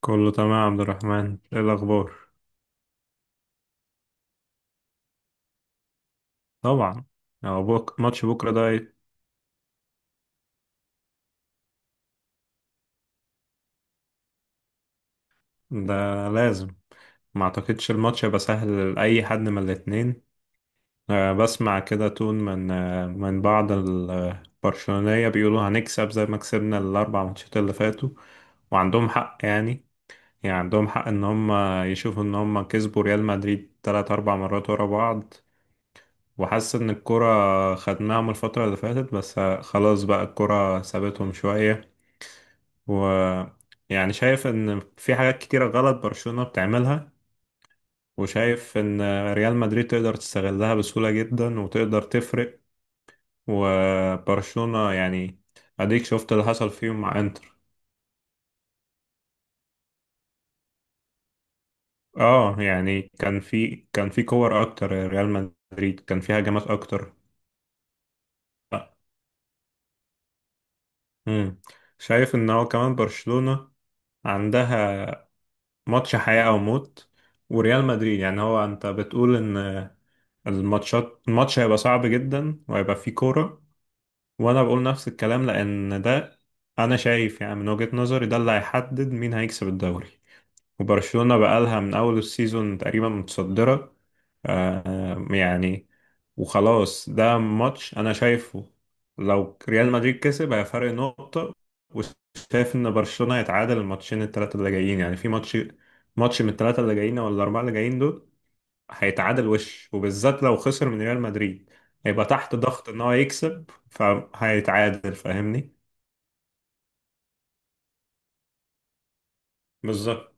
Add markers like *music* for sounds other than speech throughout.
كله تمام يا عبد الرحمن، ايه الاخبار؟ طبعا. هو ماتش بكره ده إيه؟ ده. لازم. ما اعتقدش الماتش هيبقى سهل لاي حد من الاتنين. أه، بسمع كده تون من بعض البرشلونيه بيقولوا هنكسب زي ما كسبنا الاربع ماتشات اللي فاتوا. وعندهم حق يعني. يعني عندهم حق ان هم يشوفوا ان هم كسبوا ريال مدريد تلات اربع مرات ورا بعض. وحاسس ان الكرة خدناهم الفترة اللي فاتت، بس خلاص بقى الكرة سابتهم شوية. و يعني شايف ان في حاجات كتيرة غلط برشلونة بتعملها. وشايف ان ريال مدريد تقدر تستغلها بسهولة جدا وتقدر تفرق. وبرشلونة يعني، اديك شفت اللي حصل فيهم مع انتر. اه يعني، كان في كور اكتر ريال مدريد، كان في هجمات اكتر. امم. شايف ان هو كمان برشلونة عندها ماتش حياة أو موت. وريال مدريد يعني، هو أنت بتقول إن الماتش هيبقى صعب جدا وهيبقى فيه كورة. وأنا بقول نفس الكلام لأن ده، أنا شايف يعني من وجهة نظري ده اللي هيحدد مين هيكسب الدوري. وبرشلونة بقالها من أول السيزون تقريبا متصدرة. يعني وخلاص ده ماتش أنا شايفه، لو ريال مدريد كسب هي فرق نقطة. وشايف إن برشلونة هيتعادل الماتشين التلاتة اللي جايين، يعني في ماتش، ماتش من التلاتة اللي جايين أو الأربعة اللي جايين دول هيتعادل. وبالذات لو خسر من ريال مدريد هيبقى تحت ضغط إن هو يكسب، فهيتعادل، فاهمني؟ بالظبط.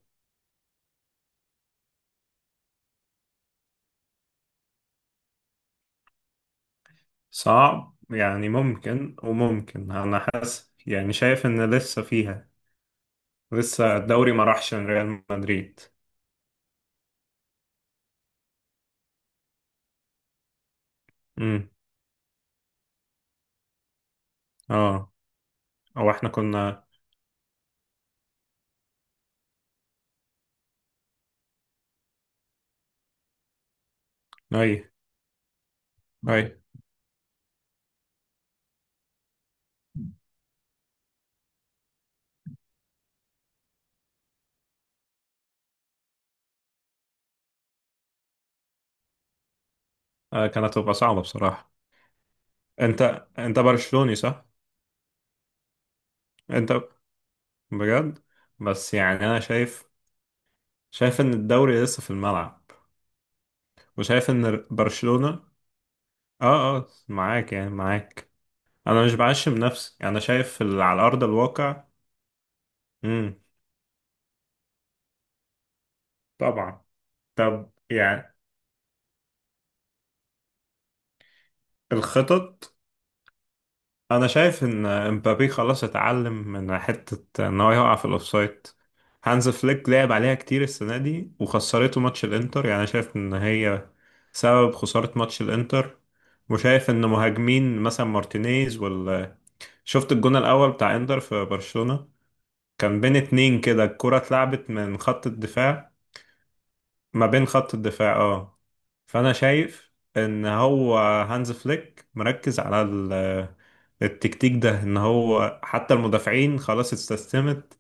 صعب يعني، ممكن وممكن. انا حاسس يعني، شايف ان لسه فيها. لسه الدوري ما راحش لريال مدريد. امم. اه. او احنا كنا. اي. اي. آه، كانت تبقى صعبة بصراحة. انت انت برشلوني صح؟ انت، بجد؟ بس يعني انا شايف، شايف ان الدوري لسه في الملعب. وشايف ان برشلونة. اه اه، معاك يعني، معاك. انا مش بعشم نفسي، انا شايف على ارض الواقع. امم. طبعا. طب يعني. الخطط. انا شايف ان امبابي خلاص اتعلم من حتة ان هو يقع في الاوفسايد. هانز فليك لعب عليها كتير السنة دي، وخسرته ماتش الانتر. يعني انا شايف ان هي سبب خسارة ماتش الانتر. وشايف ان مهاجمين مثلا مارتينيز ولا، شفت الجون الاول بتاع انتر في برشلونة؟ كان بين اتنين كده الكرة اتلعبت من خط الدفاع. ما بين خط الدفاع، اه. فانا شايف ان هو هانز فليك مركز على التكتيك ده، ان هو حتى المدافعين خلاص استسلمت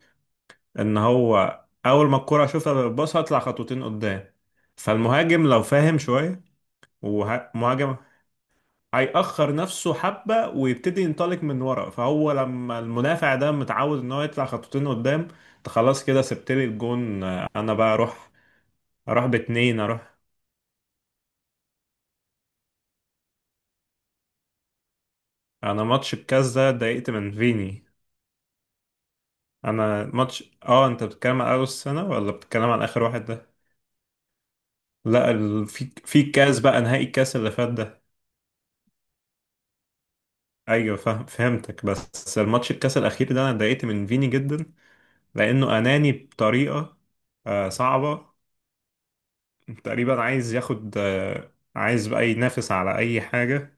ان هو اول ما الكرة اشوفها بالباص هطلع خطوتين قدام. فالمهاجم لو فاهم شوية، ومهاجم هيأخر نفسه حبة ويبتدي ينطلق من ورا. فهو لما المدافع ده متعود ان هو يطلع خطوتين قدام، أنت خلاص كده سبت لي الجون، انا بقى اروح، اروح باتنين اروح. انا ماتش الكاس ده اتضايقت من فيني. انا ماتش اه، انت بتتكلم على اول السنه ولا بتتكلم على اخر واحد ده؟ لا، في الكاس بقى، نهائي الكاس اللي فات ده، ايوه فهمتك. بس الماتش الكاس الاخير ده انا اتضايقت من فيني جدا، لانه اناني بطريقه آه صعبه. تقريبا عايز ياخد آه، عايز بقى ينافس على اي حاجه.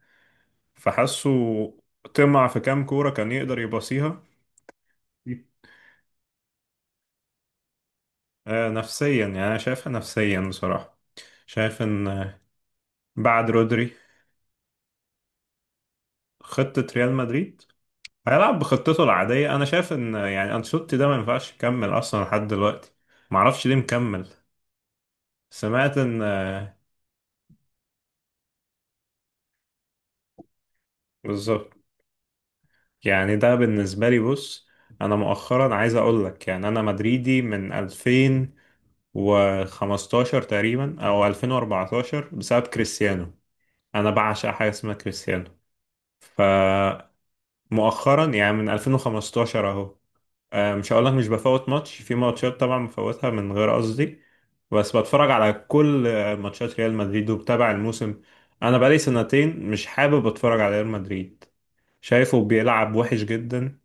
فحسه طمع في كام كوره كان يقدر يباصيها. آه نفسيا، يعني انا شايفها نفسيا بصراحه. شايف ان بعد رودري خطة ريال مدريد، هيلعب بخطته العادية. أنا شايف إن يعني أنشيلوتي ده ما ينفعش يكمل أصلا لحد دلوقتي، معرفش ليه مكمل. سمعت إن آه، بالظبط. يعني ده بالنسبة لي، بص، أنا مؤخرا عايز أقول لك، يعني أنا مدريدي من 2015 تقريبا أو 2014 بسبب كريستيانو. أنا بعشق حاجة اسمها كريستيانو. فمؤخرا يعني من 2015 أهو، مش هقولك مش بفوت ماتش، في ماتشات طبعا بفوتها من غير قصدي. بس بتفرج على كل ماتشات ريال مدريد وبتابع الموسم. انا بقالي سنتين مش حابب اتفرج على ريال مدريد، شايفه بيلعب وحش جدا.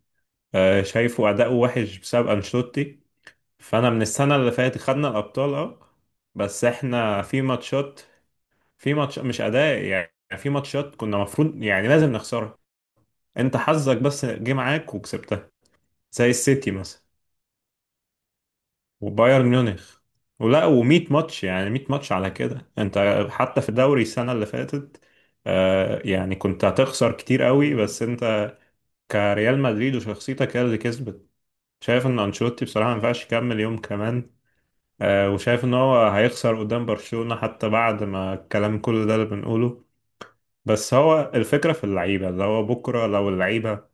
شايفه اداؤه وحش بسبب انشيلوتي. فانا من السنه اللي فاتت خدنا الابطال اه، بس احنا في ماتشات، في ماتش مش اداء يعني، في ماتشات كنا مفروض يعني لازم نخسرها. انت حظك بس جه معاك وكسبتها. زي السيتي مثلا وبايرن ميونخ. ولا و100 ماتش، يعني 100 ماتش على كده انت، حتى في الدوري السنة اللي فاتت آه، يعني كنت هتخسر كتير قوي، بس انت كريال مدريد وشخصيتك هي اللي كسبت. شايف ان انشيلوتي بصراحة ما ينفعش يكمل يوم كمان. وشايف ان هو هيخسر قدام برشلونة حتى بعد ما الكلام كل ده اللي بنقوله. بس هو الفكرة في اللعيبة، اللي هو بكرة لو اللعيبة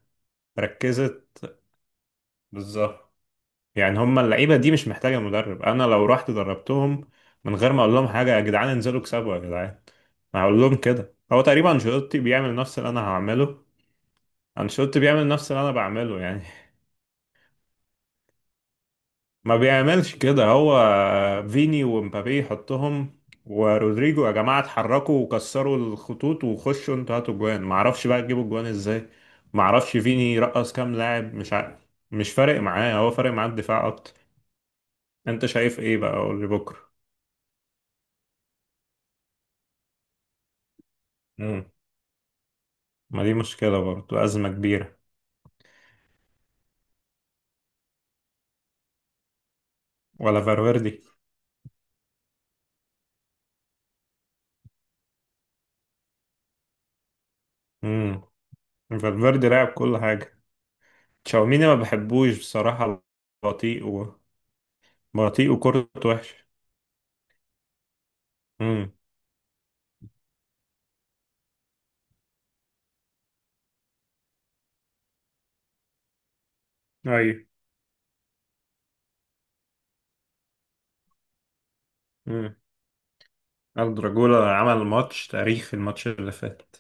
ركزت. بالظبط. يعني هم اللعيبه دي مش محتاجه مدرب، انا لو رحت دربتهم من غير ما اقول لهم حاجه، يا جدعان انزلوا اكسبوا يا جدعان، ما هقول لهم كده. هو تقريبا انشيلوتي بيعمل نفس اللي انا هعمله. انشيلوتي بيعمل نفس اللي انا بعمله يعني. *laughs* ما بيعملش كده هو. فيني ومبابي يحطهم ورودريجو، يا جماعه اتحركوا وكسروا الخطوط وخشوا انتوا هاتوا جوان، ما اعرفش بقى تجيبوا جوان ازاي. ما اعرفش فيني رقص كام لاعب، مش مش فارق معاه، هو فارق معاه الدفاع اكتر. انت شايف ايه بقى؟ قول لي بكره. ما دي مشكلة برضو، أزمة كبيرة. ولا فالفيردي. امم. فالفيردي لعب كل حاجة. تشاوميني ما بحبوش بصراحة، بطيء و... بطيء وكورته وحشة. امم. أيوة. امم. الدراجولا عمل ماتش تاريخي الماتش اللي فات،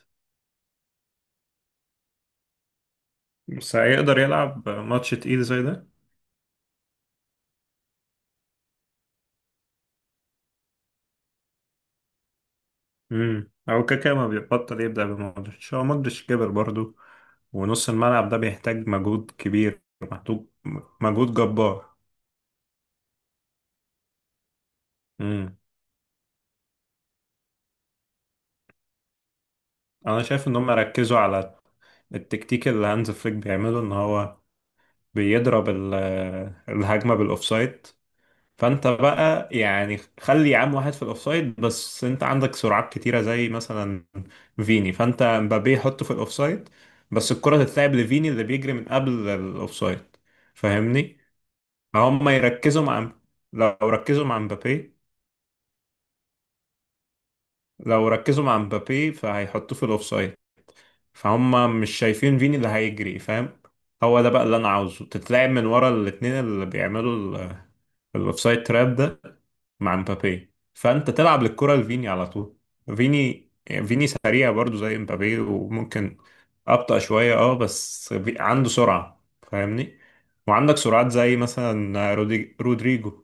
بس هيقدر يلعب ماتش تقيل زي ده؟ امم. أو كاكا ما بيبطل يبدأ بمودريتش، هو مودريتش كبر برضو، ونص الملعب ده بيحتاج مجهود كبير، محتاج مجهود جبار. امم. انا شايف ان هم ركزوا على التكتيك اللي هانز فليك بيعمله، ان هو بيضرب الهجمه بالاوفسايد. فانت بقى يعني خلي عام واحد في الاوفسايد، بس انت عندك سرعات كتيره زي مثلا فيني. فانت مبابي يحطه في الاوفسايد، بس الكره تتلعب لفيني اللي بيجري من قبل الاوفسايد، فاهمني؟ فهم يركزوا مع، لو ركزوا مع مبابي لو ركزوا مع مبابي فهيحطوه في الاوفسايد، فهم مش شايفين فيني اللي هيجري، فاهم؟ هو ده بقى اللي انا عاوزه، تتلعب من ورا الاثنين اللي بيعملوا الاوفسايد تراب ده. مع مبابي فانت تلعب للكرة لفيني على طول. فيني. فيني سريع برضو زي مبابي وممكن ابطأ شوية اه، بس عنده سرعة فاهمني. وعندك سرعات زي مثلا رودريجو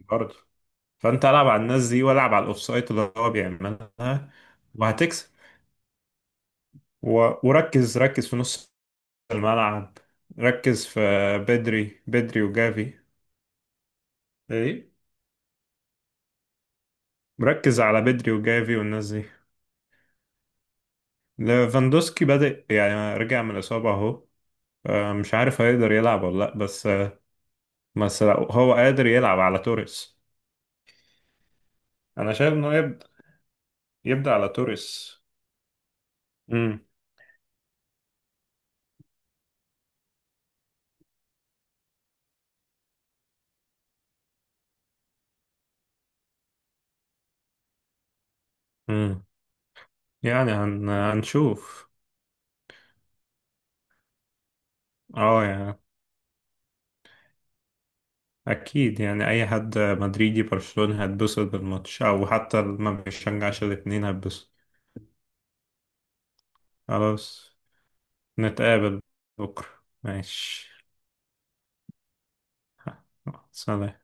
برضو. فانت العب على الناس دي والعب على الاوفسايد اللي هو بيعملها، وهتكسب. وركز، ركز في نص الملعب. ركز في بدري بدري وجافي. ايه. مركز على بدري وجافي والناس دي. ليفاندوسكي بادئ يعني رجع من الإصابة اهو، مش عارف هيقدر يلعب ولا لا، بس بس لو هو قادر يلعب على توريس، انا شايف انه يبدأ، يبدأ على توريس. امم. امم. يعني هنشوف. اه يعني اكيد يعني، اي حد مدريدي برشلوني هيتبسط بالماتش، او حتى اللي ما بيشجعش الاتنين هيتبسط. خلاص، نتقابل بكرة. ماشي. سلام.